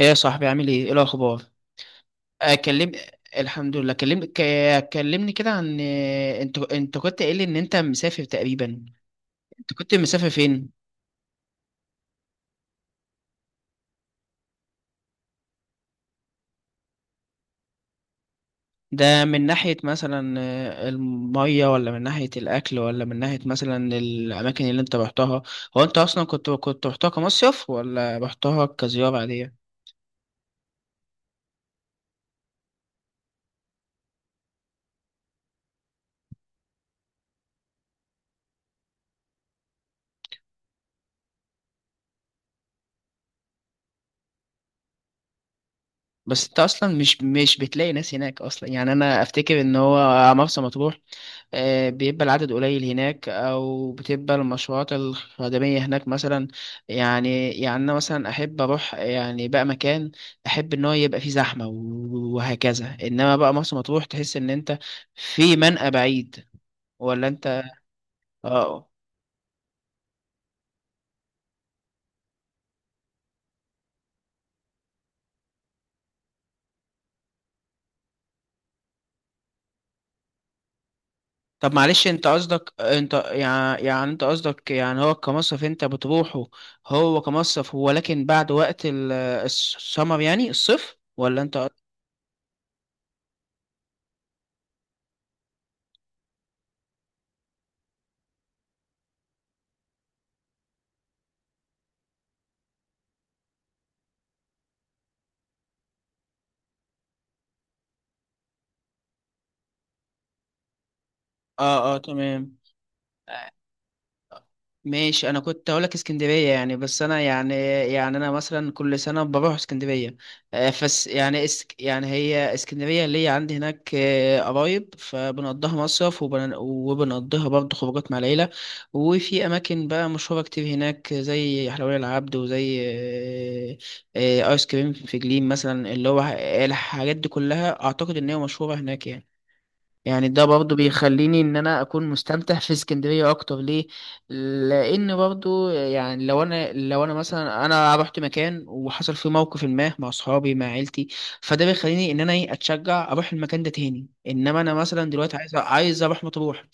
ايه يا صاحبي، عامل ايه؟ ايه الاخبار؟ اكلم. الحمد لله. كلمني كده عن انت كنت قايل لي ان انت مسافر تقريبا. انت كنت مسافر فين؟ ده من ناحية مثلا المية، ولا من ناحية الاكل، ولا من ناحية مثلا الاماكن اللي انت رحتها؟ هو انت اصلا كنت رحتها كمصيف ولا رحتها كزيارة عادية؟ بس انت اصلا مش بتلاقي ناس هناك اصلا، يعني انا افتكر ان هو مرسى مطروح بيبقى العدد قليل هناك، او بتبقى المشروعات الخدميه هناك مثلا. يعني انا مثلا احب اروح يعني بقى مكان، احب ان هو يبقى فيه زحمه وهكذا، انما بقى مرسى مطروح تحس ان انت في منقى بعيد، ولا انت؟ اه. طب معلش انت قصدك، انت يعني انت قصدك يعني هو كمصرف انت بتروحه؟ هو كمصرف هو، لكن بعد وقت السمر، يعني الصيف، ولا انت؟ اه. اه تمام. ماشي، انا كنت هقول لك اسكندريه يعني، بس انا يعني انا مثلا كل سنه بروح اسكندريه. فس يعني اسك يعني هي اسكندريه اللي هي عندي هناك قرايب، فبنقضيها مصيف وبنقضيها برضه خروجات مع العيله. وفي اماكن بقى مشهوره كتير هناك، زي حلوية العبد، وزي ايس كريم في جليم مثلا، اللي هو الحاجات دي كلها اعتقد ان هي مشهوره هناك يعني. يعني ده برضو بيخليني ان انا اكون مستمتع في اسكندرية اكتر، ليه؟ لان برضو يعني لو انا مثلا انا رحت مكان وحصل فيه موقف ما مع اصحابي، مع عيلتي، فده بيخليني ان انا ايه، اتشجع اروح المكان ده تاني. انما انا مثلا دلوقتي عايز اروح مطروح،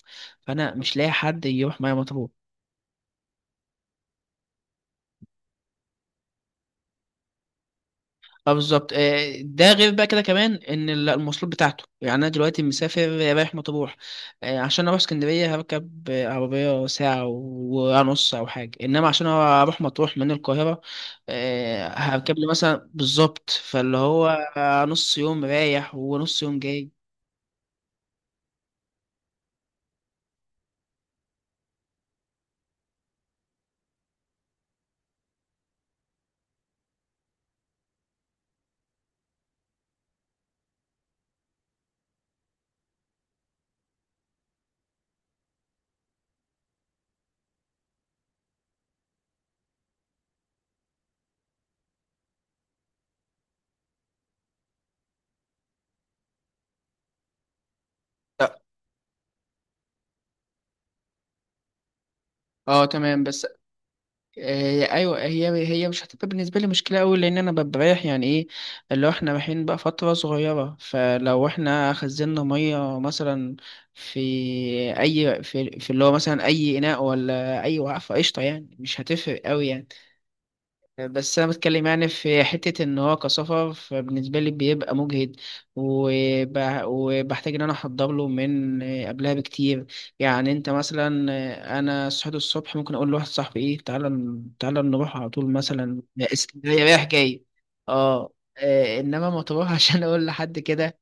فانا مش لاقي حد يروح معايا مطروح. اه بالظبط. ده غير بقى كده كمان ان المواصلات بتاعته. يعني انا دلوقتي مسافر رايح مطروح، عشان اروح اسكندريه هركب عربيه ساعه ونص او حاجه، انما عشان اروح مطروح من القاهره هركب لي مثلا بالظبط، فاللي هو نص يوم رايح ونص يوم جاي. لا اه تمام بس. ايوه، هي مش هتبقى بالنسبه لي مشكله قوي، لان انا ببقى رايح يعني، ايه اللي هو احنا رايحين بقى فتره صغيره، فلو احنا خزنا ميه مثلا في اي، في اللي هو مثلا اي اناء، ولا اي وقفه، قشطه، يعني مش هتفرق قوي يعني. بس انا بتكلم يعني في حته ان هو كسفر، فبالنسبه لي بيبقى مجهد، وب... وبحتاج ان انا احضر له من قبلها بكتير. يعني انت مثلا انا صحيت الصبح، ممكن اقول لواحد صاحبي ايه، تعالى نروح على طول مثلا اسكندريه رايح جاي. اه. انما مطروح عشان اقول لحد كده؟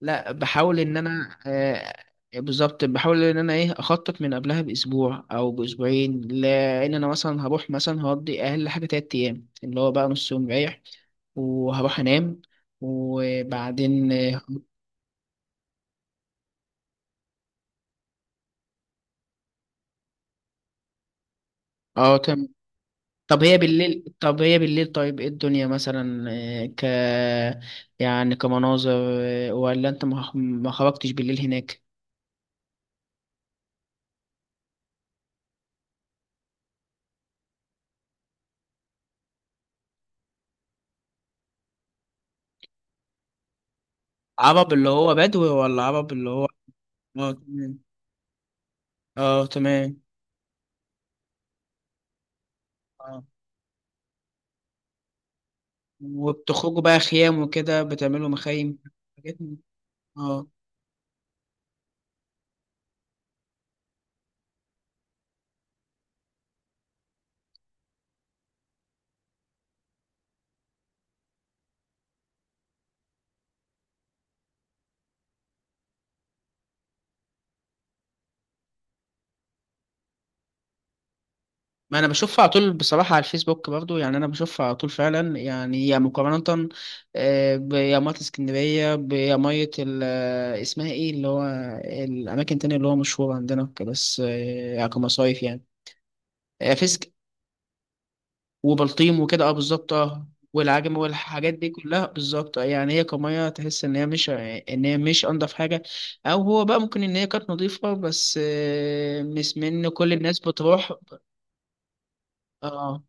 لا، بحاول ان انا بالظبط، بحاول ان انا ايه، اخطط من قبلها باسبوع او باسبوعين، لان انا مثلا هروح مثلا هقضي اقل حاجه 3 ايام، اللي هو بقى نص يوم رايح وهروح انام وبعدين اه. تم. طب هي بالليل طيب، ايه الدنيا مثلا آه، ك يعني كمناظر، ولا انت ما خرجتش بالليل هناك؟ عرب اللي هو بدوي، ولا عرب اللي هو؟ اه تمام. اه تمام. وبتخرجوا بقى خيام وكده، بتعملوا مخايم، حاجات اه. ما انا بشوفها على طول بصراحة، على الفيسبوك برضو. يعني انا بشوفها على طول فعلا، يعني يا مقارنة بيا مية اسكندرية، بيا مية اسمها ايه، اللي هو الاماكن التانية اللي هو مشهورة عندنا وكده، بس يعني كمصايف يعني. في، وبلطيم وكده، اه بالظبط اه. والعجم والحاجات دي كلها بالظبط. يعني هي كمية، تحس ان هي مش ان هي مش انضف حاجة، او هو بقى ممكن ان هي كانت نظيفة، بس مش من كل الناس بتروح. اه.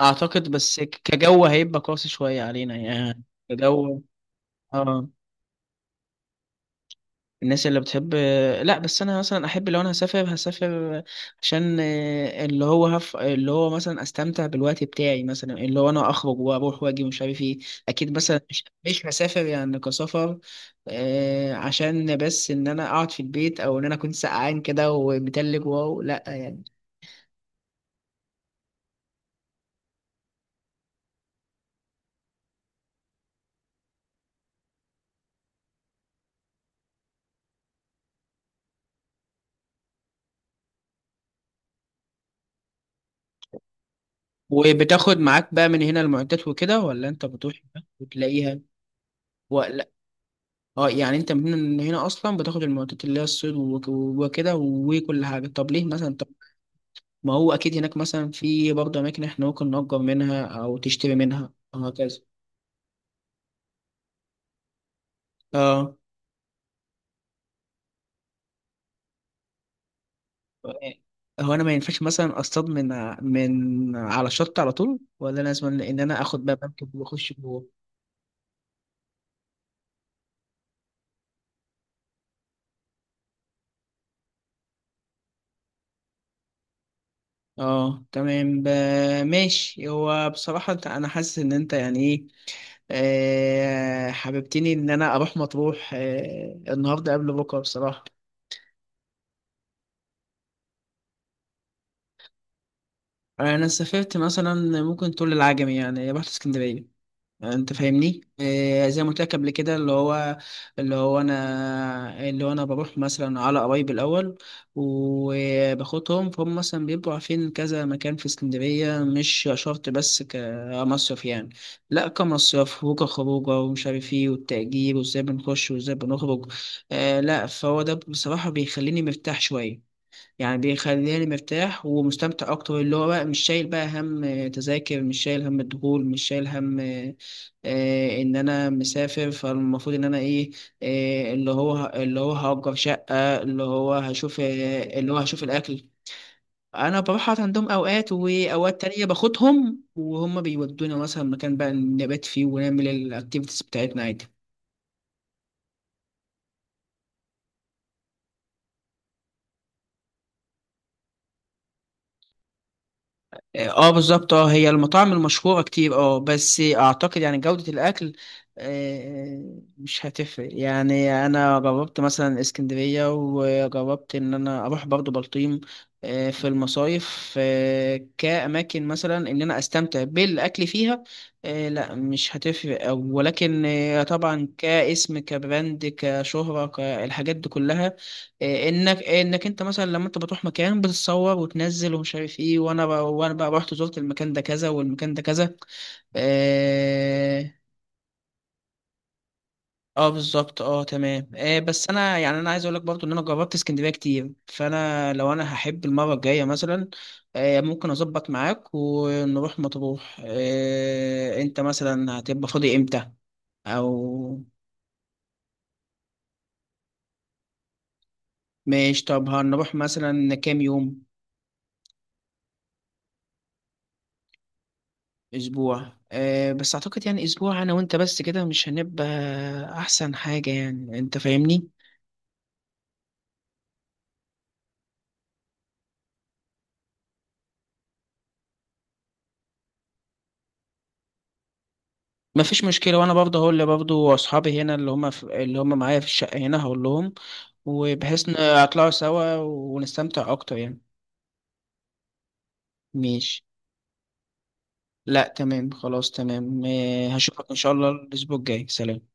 اعتقد بس كجو هيبقى قاسي شوية علينا، يعني كجو. اه. الناس اللي بتحب، لا، بس انا مثلا احب لو انا هسافر هسافر عشان اللي هو اللي هو مثلا استمتع بالوقت بتاعي مثلا، اللي هو انا اخرج واروح واجي ومش عارف ايه. اكيد مثلا مش هسافر يعني كسفر، عشان بس ان انا اقعد في البيت، او ان انا اكون سقعان كده ومتلج، واو لا يعني. وبتاخد معاك بقى من هنا المعدات وكده، ولا انت بتروح هناك وتلاقيها، ولا؟ اه. يعني انت من هنا اصلا بتاخد المعدات اللي هي الصيد وكده وكل حاجه، طب ليه؟ مثلا ما هو اكيد هناك مثلا في برضه اماكن احنا ممكن نأجر منها او تشتري منها وهكذا. اه. هو انا ما ينفعش مثلا اصطاد من على الشط على طول، ولا لازم ان انا اخد بقى مركب واخش جوه؟ اه تمام. ماشي. هو بصراحة انا حاسس ان انت يعني ايه، حببتني ان انا اروح مطروح النهارده قبل بكره بصراحة. انا سافرت مثلا، ممكن تقول العجمي، يعني رحت اسكندرية، انت فاهمني. إيه زي ما قلت لك قبل كده، اللي هو اللي هو انا، بروح مثلا على قرايب الاول وباخدهم، فهم مثلا بيبقوا عارفين كذا مكان في اسكندريه، مش شرط بس كمصيف يعني، لا كمصيف وكخروجه ومش عارف ايه، والتأجير وازاي بنخش وازاي بنخرج. آه، لا فهو ده بصراحه بيخليني مرتاح شويه. يعني بيخليني مرتاح ومستمتع اكتر، اللي هو بقى مش شايل بقى هم تذاكر، مش شايل هم الدخول، مش شايل هم ان انا مسافر، فالمفروض ان انا ايه، اللي هو هأجر شقة، اللي هو هشوف، الاكل. انا بروح أقعد عندهم اوقات، واوقات تانية باخدهم وهم بيودونا مثلا مكان بقى نبات فيه ونعمل الاكتيفيتيز بتاعتنا عادي. اه. بالظبط اه. هي المطاعم المشهورة كتير اه، بس اعتقد يعني جودة الاكل آه، مش هتفرق. يعني انا جربت مثلا اسكندرية، وجربت ان انا اروح برضو بلطيم في المصايف، كأماكن مثلا ان انا استمتع بالاكل فيها. لا مش هتفرق أوي. ولكن طبعا كاسم، كبراند، كشهرة الحاجات دي كلها. إيه، انك انت مثلا لما انت بتروح مكان بتتصور وتنزل ومش عارف ايه، وانا بقى رحت زرت المكان ده كذا، والمكان ده كذا. اه، آه بالظبط، اه تمام آه. بس انا يعني انا عايز اقول لك برضو ان انا جربت اسكندريه كتير، فانا لو انا هحب المره الجايه مثلا آه، ممكن اظبط معاك ونروح مطروح. آه، انت مثلا هتبقى فاضي امتى؟ او ماشي. طب هنروح مثلا كام يوم؟ اسبوع؟ أه، بس اعتقد يعني اسبوع انا وانت بس كده مش هنبقى احسن حاجة، يعني انت فاهمني. مفيش مشكلة، وانا برضه هقول لبرضه اصحابي هنا، اللي هم في، اللي هم معايا في الشقة هنا، هقول لهم، وبحيث نطلعوا سوا ونستمتع اكتر يعني. ماشي. لا تمام، خلاص تمام. هشوفك ان شاء الله الاسبوع الجاي. سلام.